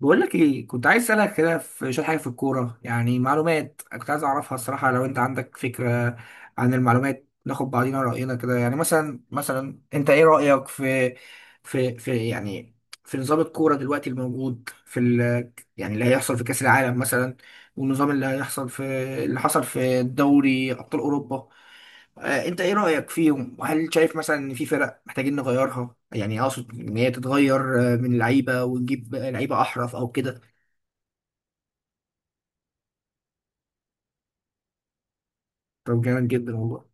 بقول لك ايه، كنت عايز اسالك كده في شويه حاجه في الكوره. يعني معلومات كنت عايز اعرفها الصراحه، لو انت عندك فكره عن المعلومات ناخد بعضينا راينا كده. يعني مثلا انت ايه رايك في في نظام الكوره دلوقتي الموجود في ال يعني اللي هيحصل في كاس العالم مثلا، والنظام اللي هيحصل في اللي حصل في دوري ابطال اوروبا. انت ايه رأيك فيهم؟ وهل شايف مثلا ان في فرق محتاجين نغيرها؟ يعني اقصد ان هي تتغير، من لعيبة ونجيب لعيبة احرف او كده. طب جامد جدا والله.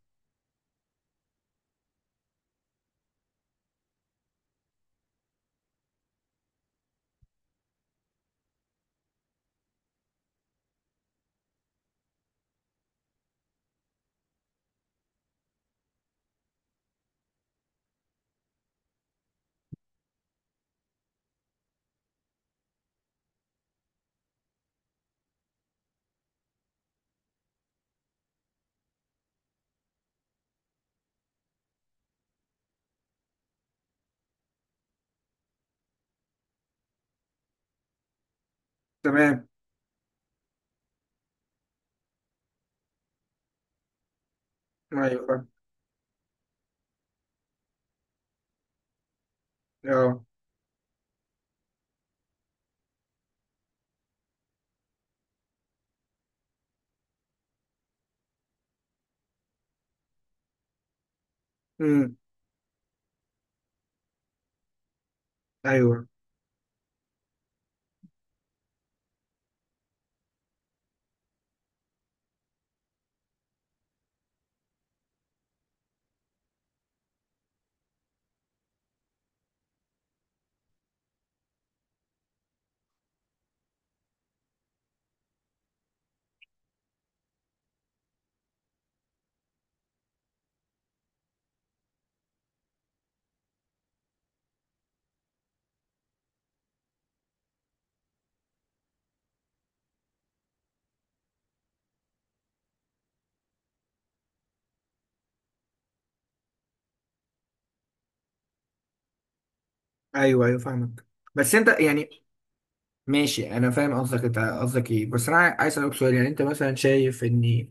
تمام. ايوه فاهم. اه. امم. ايوه. ايوه. ايوه فاهمك بس. انت يعني ماشي انا فاهم قصدك، انت قصدك ايه؟ بس انا عايز اسالك سؤال. يعني انت مثلا شايف ان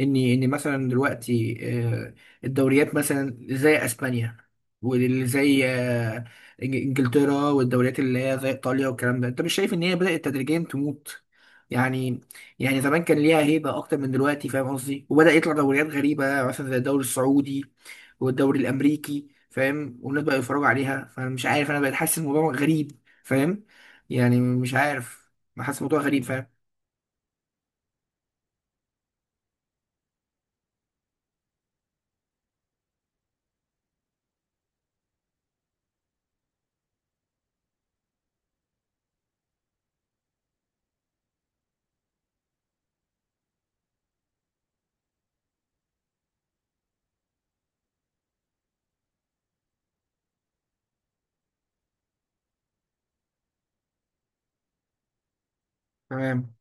ان ان مثلا دلوقتي آه، الدوريات مثلا زي اسبانيا، واللي زي انجلترا والدوريات اللي هي زي ايطاليا والكلام ده، انت مش شايف ان هي بدات تدريجيا تموت؟ يعني، يعني زمان كان ليها هيبه اكتر من دلوقتي، فاهم قصدي؟ وبدا يطلع دوريات غريبه مثلا زي الدوري السعودي والدوري الامريكي، فاهم؟ والناس بقى يتفرجوا عليها. فانا مش عارف، انا بقيت حاسس الموضوع غريب، فاهم؟ يعني مش عارف، بحس الموضوع غريب، فاهم؟ تمام.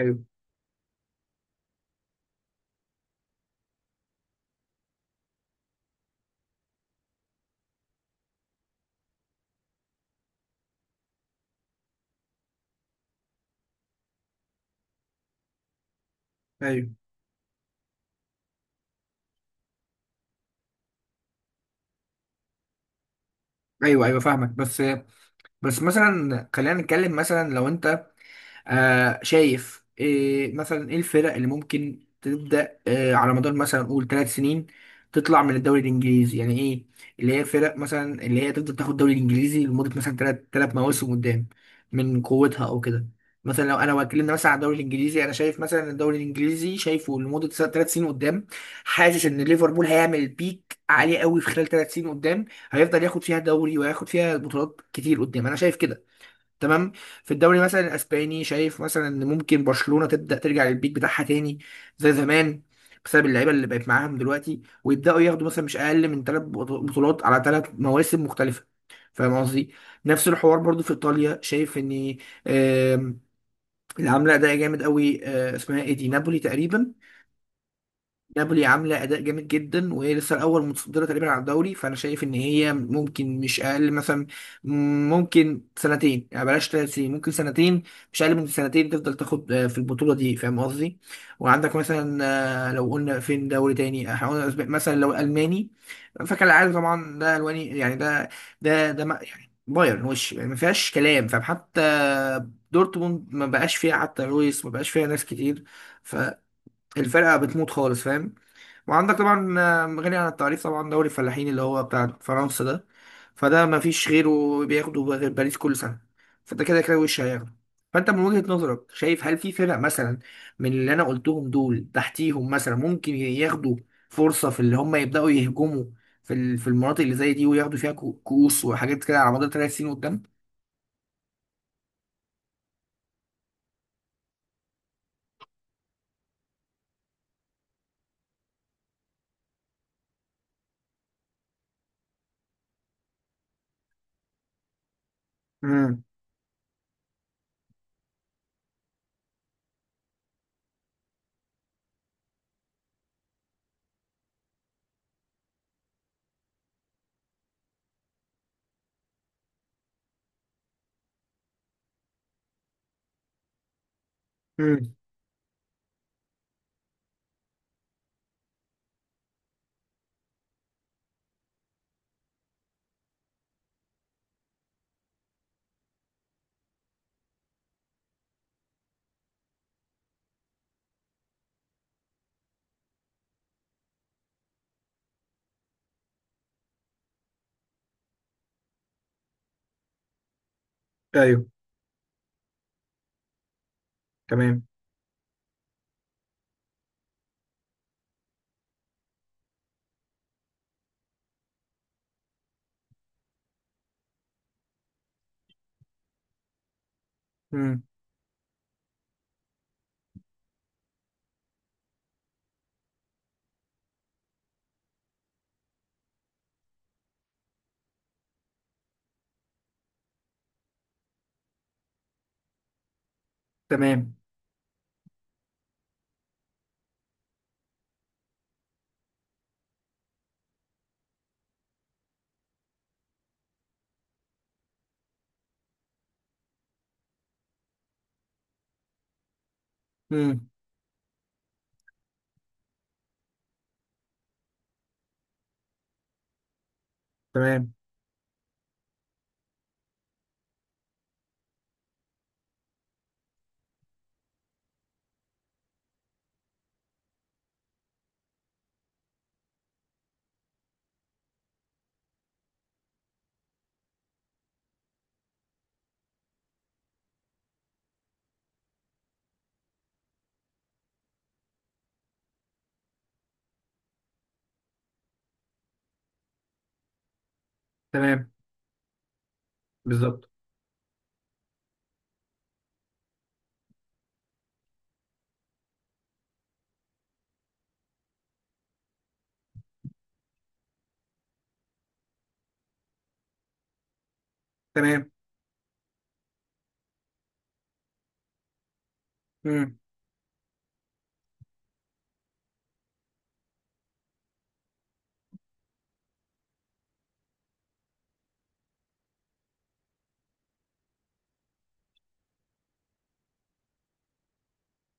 ايوه. ايوه. ايوه. ايوه فاهمك. بس مثلا خلينا نتكلم. مثلا لو انت شايف إيه مثلا، ايه الفرق اللي ممكن تبدأ على مدار مثلا نقول 3 سنين تطلع من الدوري الانجليزي؟ يعني ايه اللي هي فرق مثلا اللي هي تفضل تاخد الدوري الانجليزي لمدة مثلا ثلاث مواسم قدام من قوتها او كده. مثلا لو انا اتكلمنا مثلا على الدوري الانجليزي، انا شايف مثلا الدوري الانجليزي شايفه لمدة 3 سنين قدام. حاسس ان ليفربول هيعمل بيك عالي قوي في خلال 3 سنين قدام، هيفضل ياخد فيها دوري وياخد فيها بطولات كتير قدام. انا شايف كده، تمام. في الدوري مثلا الاسباني شايف مثلا ان ممكن برشلونه تبدا ترجع للبيك بتاعها تاني زي زمان، بسبب اللعيبه اللي بقت معاهم دلوقتي، ويبداوا ياخدوا مثلا مش اقل من 3 بطولات على 3 مواسم مختلفه، فاهم قصدي؟ نفس الحوار برضو في ايطاليا، شايف ان آم، اللي عامله ده جامد قوي اسمها ايه دي، نابولي تقريبا. نابولي عامله اداء جامد جدا، وهي لسه الاول متصدره تقريبا على الدوري، فانا شايف ان هي ممكن مش اقل مثلا، ممكن سنتين، يعني بلاش 3 سنين، ممكن سنتين، مش اقل من سنتين تفضل تاخد في البطوله دي، فاهم قصدي؟ وعندك مثلا لو قلنا فين دوري تاني هقول أسباني. مثلا لو الماني، فكالعاده طبعا ده الواني، يعني ده ده ده ما- يعني بايرن وش، يعني ما فيهاش كلام، فاهم؟ حتى دورتموند ما بقاش فيها، حتى لويس ما بقاش فيها، ناس كتير. فالفرقه بتموت خالص، فاهم؟ وعندك طبعا غني عن التعريف طبعا، دوري الفلاحين اللي هو بتاع فرنسا ده، فده ما فيش غيره بياخده غير باريس كل سنة. فانت كده كده وش هياخده. فانت من وجهة نظرك شايف هل في فرق مثلا من اللي انا قلتهم دول تحتيهم مثلا ممكن ياخدوا فرصة في اللي هم يبدأوا يهجموا في في المناطق اللي زي دي، وياخدوا فيها كؤوس وحاجات كده على مدار 3 سنين قدام؟ امم. امم. ايوه. تمام. امم. تمام. امم. تمام. تمام. بالظبط. تمام. امم.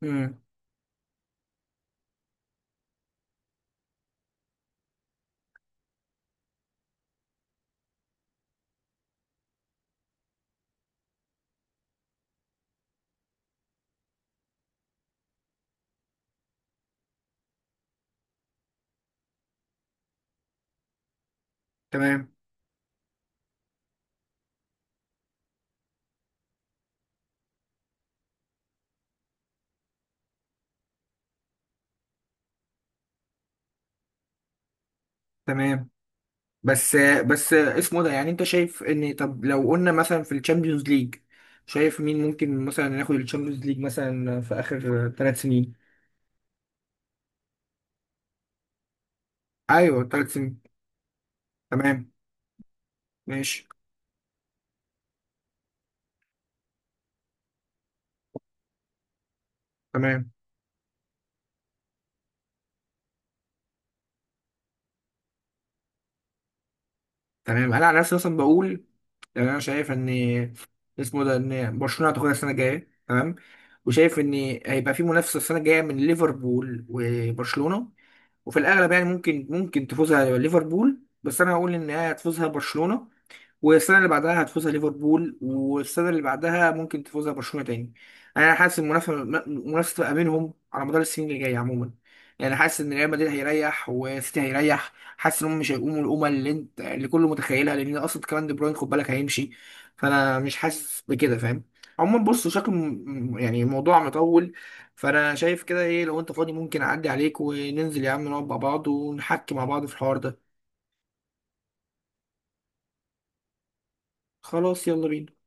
امم. تمام. تمام. بس بس اسمه ده، يعني انت شايف ان، طب لو قلنا مثلا في الشامبيونز ليج، شايف مين ممكن مثلا ناخد الشامبيونز ليج مثلا في اخر 3 سنين؟ ايوه 3 سنين. تمام. ماشي. تمام. تمام انا على نفسي مثلا بقول، يعني انا شايف ان اسمه ده، ان برشلونه هتاخدها السنه الجايه، تمام. وشايف ان هيبقى في منافسه السنه الجايه من ليفربول وبرشلونه، وفي الاغلب يعني ممكن تفوزها ليفربول، بس انا هقول ان هي هتفوزها برشلونه، والسنه اللي بعدها هتفوزها ليفربول، والسنه اللي بعدها ممكن تفوزها برشلونه تاني. انا حاسس المنافسه تبقى بينهم على مدار السنين اللي جايه عموما. يعني حاسس ان ريال مدريد هيريح، وسيتي هيريح. حاسس ان هم مش هيقوموا القومه اللي انت اللي كله متخيلها، لان اصلا كمان دي بروين خد بالك هيمشي. فانا مش حاسس بكده، فاهم؟ عموما بص شكله يعني موضوع مطول. فانا شايف كده، ايه لو انت فاضي ممكن اعدي عليك وننزل يا عم نقعد مع بعض ونحكي مع بعض في الحوار ده؟ خلاص يلا بينا.